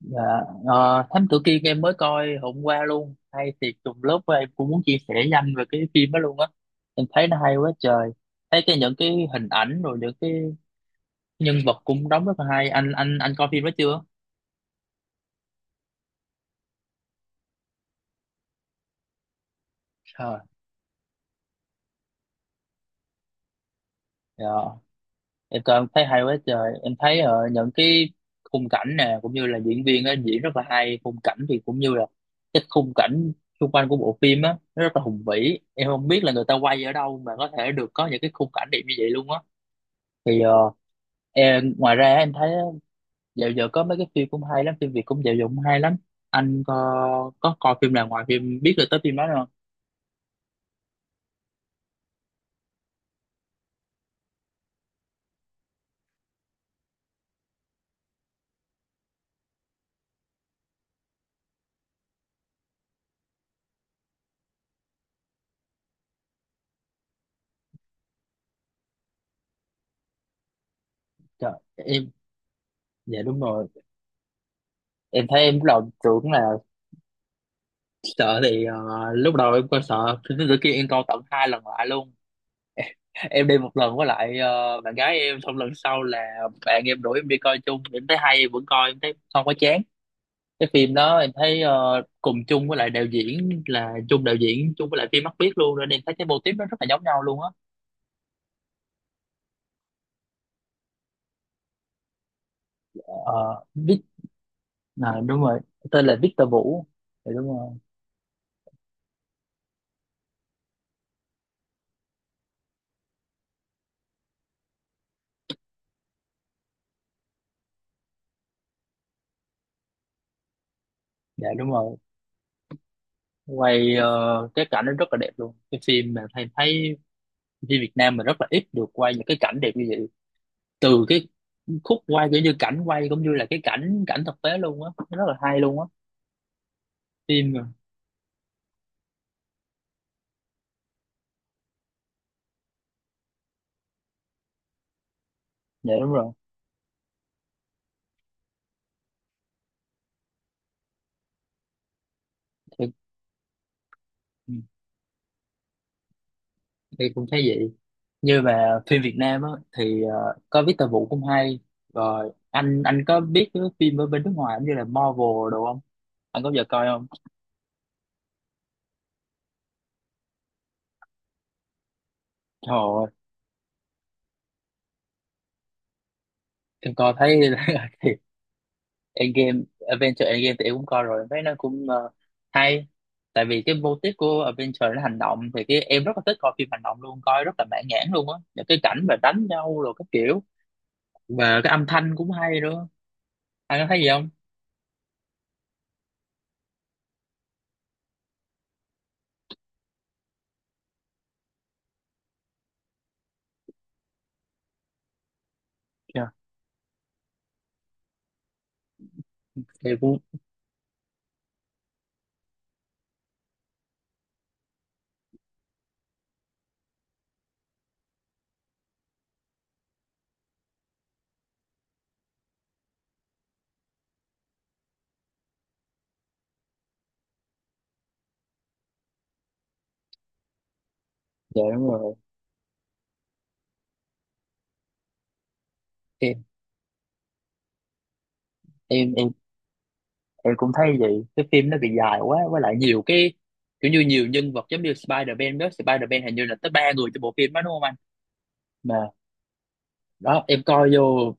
Dạ, Thám Tử Kiên em mới coi hôm qua luôn, hay thiệt. Trùng lớp em cũng muốn chia sẻ nhanh về cái phim đó luôn á, em thấy nó hay quá trời. Thấy cái những cái hình ảnh rồi những cái nhân vật cũng đóng rất là hay. Anh coi phim đó chưa? Ờ, dạ, em coi em thấy hay quá trời. Em thấy những cái khung cảnh nè cũng như là diễn viên á, diễn rất là hay. Khung cảnh thì cũng như là cái khung cảnh xung quanh của bộ phim á, nó rất là hùng vĩ, em không biết là người ta quay ở đâu mà có thể được có những cái khung cảnh đẹp như vậy luôn á. thì ờ, Ê, ngoài ra em thấy dạo giờ có mấy cái phim cũng hay lắm, phim Việt cũng dạo giờ cũng hay lắm. Anh có coi phim nào ngoài phim biết được tới phim đó không? Trời, em dạ đúng rồi. Em thấy em lúc đầu tưởng là sợ, lúc đầu em coi sợ phim, tới kia em coi tận hai lần lại luôn. Em đi một lần với lại bạn gái em, xong lần sau là bạn em rủ em đi coi chung, em thấy hay em vẫn coi, em thấy không có chán. Cái phim đó em thấy cùng chung với lại đạo diễn, là chung đạo diễn chung với lại phim Mắt biết luôn, nên em thấy cái mô típ nó rất là giống nhau luôn á. Ờ, Vic, à, đúng rồi, tên là Victor Vũ. Dạ đúng rồi. Dạ đúng rồi. quay ờ, cái cảnh nó rất là đẹp luôn, cái phim mà thầy thấy. Phim Việt Nam mà rất là ít được quay những cái cảnh đẹp như vậy. Từ cái khúc quay kiểu như cảnh quay cũng như là cái cảnh cảnh thực tế luôn á. Nó rất là hay luôn á. Phim mà. Dạ đúng rồi. thì, ừ, thì cũng thấy vậy. Như mà phim Việt Nam á, có Victor Vũ cũng hay. Rồi anh có biết cái phim ở bên nước ngoài cũng như là Marvel đồ không? Anh có bao giờ coi không? Trời ơi, em coi thấy. thì Endgame, Avengers Endgame thì em cũng coi rồi, em thấy nó cũng hay. Tại vì cái mô típ của Avengers nó hành động, thì cái em rất là thích coi phim hành động luôn, coi rất là mãn nhãn luôn á. Những cái cảnh mà đánh nhau rồi các kiểu, và cái âm thanh cũng hay nữa. Anh có thấy gì không? Dạ, em cũng dạ đúng rồi. Em em em em cũng thấy vậy, cái phim nó bị dài quá, với lại nhiều cái kiểu như nhiều nhân vật, giống như Spider-Man đó, Spider-Man hình như là tới ba người trong bộ phim đó, đúng không anh? Mà đó, em coi vô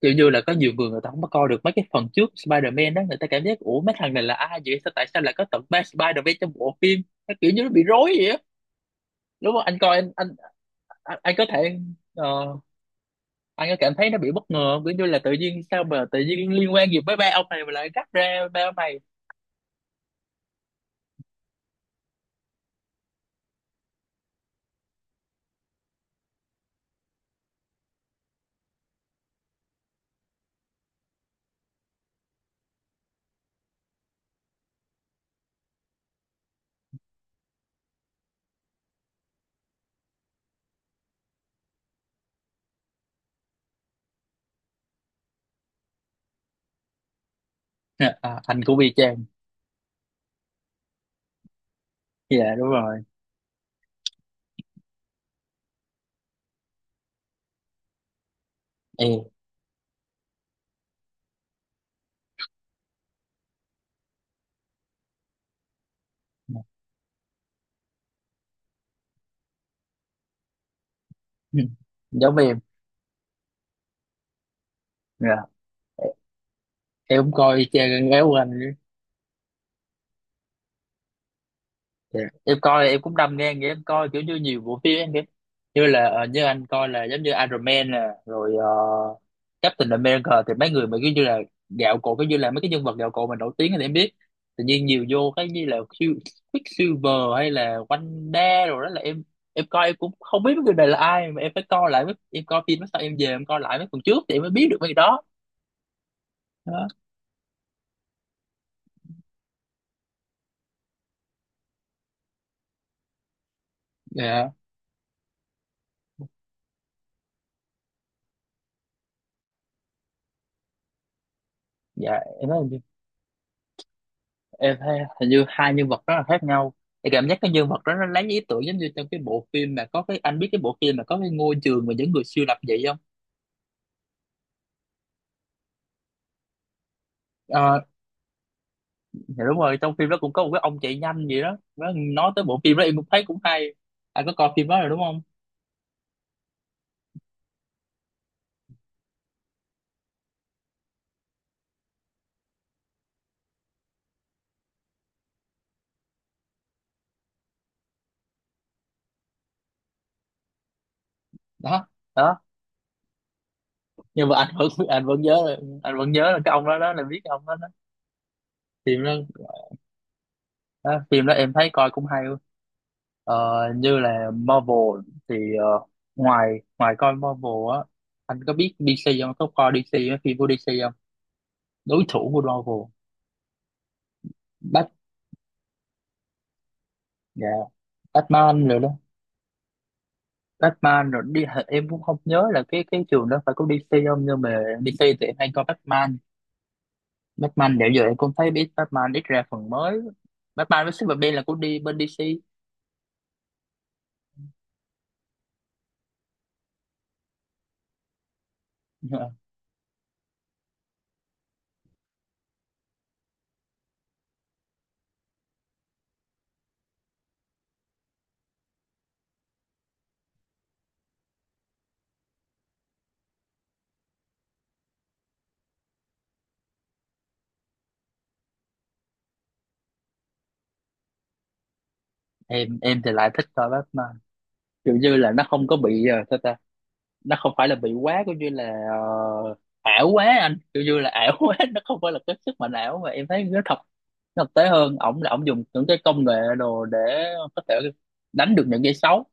kiểu như là có nhiều người, người ta không có coi được mấy cái phần trước Spider-Man đó, người ta cảm giác ủa mấy thằng này là ai vậy, sao tại sao lại có tận ba Spider-Man trong bộ phim? Nó kiểu như nó bị rối vậy á. Đúng không anh coi, anh có thể ờ, anh có cảm thấy nó bị bất ngờ không? Kiểu như là tự nhiên sao mà tự nhiên liên quan gì với ba ông này mà lại cắt ra ba ông này. À, à, anh cũng y chang. Dạ đúng rồi. Em giống em. Dạ, em cũng coi y chang gái của anh. Dạ. Em coi em cũng đâm ngang, em coi kiểu như nhiều bộ phim em kìa, như là như anh coi là giống như Iron Man nè, rồi Captain America. Thì mấy người mà kiểu như là gạo cội, kiểu như là mấy cái nhân vật gạo cội mà nổi tiếng thì em biết. Tự nhiên nhiều vô cái như là Quicksilver hay là Wanda rồi, đó là em coi em cũng không biết mấy người này là ai, mà em phải coi lại em coi phim đó sau em về em coi lại mấy phần trước thì em mới biết được mấy cái đó, đó. Dạ, dạ em nói, em thấy hình như hai nhân vật rất là khác nhau. Em cảm giác cái nhân vật đó nó lấy ý tưởng giống như trong cái bộ phim mà có cái, anh biết cái bộ phim mà có cái ngôi trường mà những người siêu lập vậy không? Ờ, dạ đúng rồi, trong phim đó cũng có một cái ông chạy nhanh gì đó. Nó nói tới bộ phim đó em cũng thấy cũng hay. Anh có coi phim đó rồi đúng không? Đó. Đó. Nhưng mà anh vẫn anh vẫn nhớ là cái ông đó, đó là biết cái ông đó, đó. Phim đó, đó phim đó em thấy coi cũng hay. Ờ, như là Marvel, thì ờ, ngoài ngoài coi Marvel á, anh có biết DC không, có coi DC á, phim của DC không? Đối thủ của Marvel. Bat dạ, Batman rồi đó. Batman rồi đi, em cũng không nhớ là cái trường đó phải có DC không, nhưng mà DC thì em hay coi Batman. Batman dạo giờ em cũng thấy biết Batman ít ra phần mới. Batman với Superman là của đi bên DC. Em thì lại thích coi Batman, kiểu như là nó không có bị uh, nó không phải là bị quá coi như là ảo quá, anh coi như là ảo quá. Nó không phải là cái sức mạnh ảo mà em thấy nó thật. Nó thực tế hơn, ổng là ổng dùng những cái công nghệ đồ để có thể đánh được những cái xấu,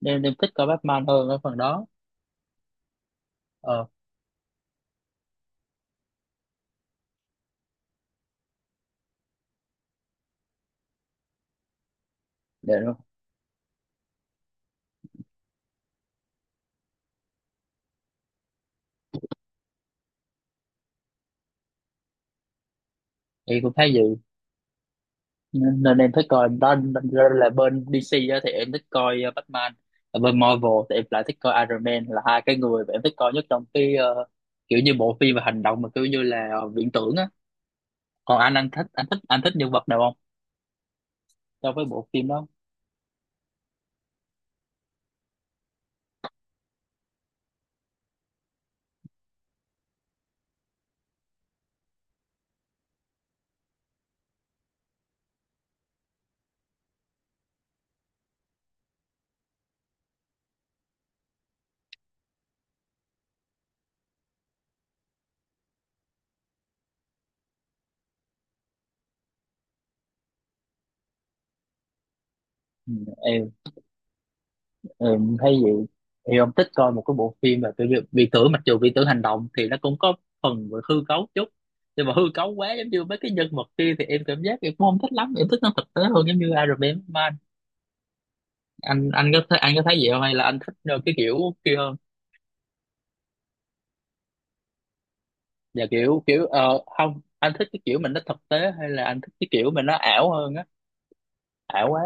nên em thích coi Batman hơn ở phần đó. Ờ để, thì cũng thấy gì. Nên, nên em thích coi, đó đó là bên DC á, thì em thích coi Batman. Ở bên Marvel thì em lại thích coi Iron Man, là hai cái người mà em thích coi nhất trong cái kiểu như bộ phim và hành động mà kiểu như là viễn tưởng á. Còn anh thích nhân vật nào không, so với bộ phim đó? Ừ, em, em thấy vậy. Thì ông thích coi một cái bộ phim là kiểu như viễn tưởng, mặc dù viễn tưởng hành động thì nó cũng có phần về hư cấu chút, nhưng mà hư cấu quá giống như mấy cái nhân vật kia thì em cảm giác em cũng không thích lắm. Em thích nó thực tế hơn, giống như Iron Man Man. Anh có thấy vậy không, hay là anh thích cái kiểu kia hơn? Và kiểu kiểu ờ, Không, anh thích cái kiểu mình nó thực tế, hay là anh thích cái kiểu mình nó ảo hơn á, ảo quá?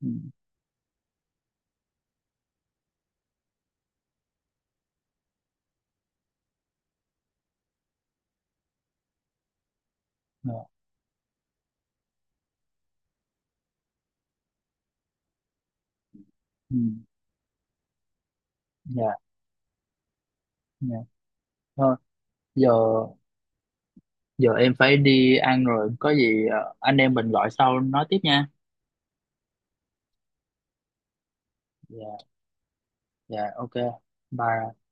Ừ. Ờ. Ừ. Dạ. Dạ thôi, giờ giờ em phải đi ăn rồi, có gì anh em mình gọi sau nói tiếp nha. Dạ. Dạ ok, bye.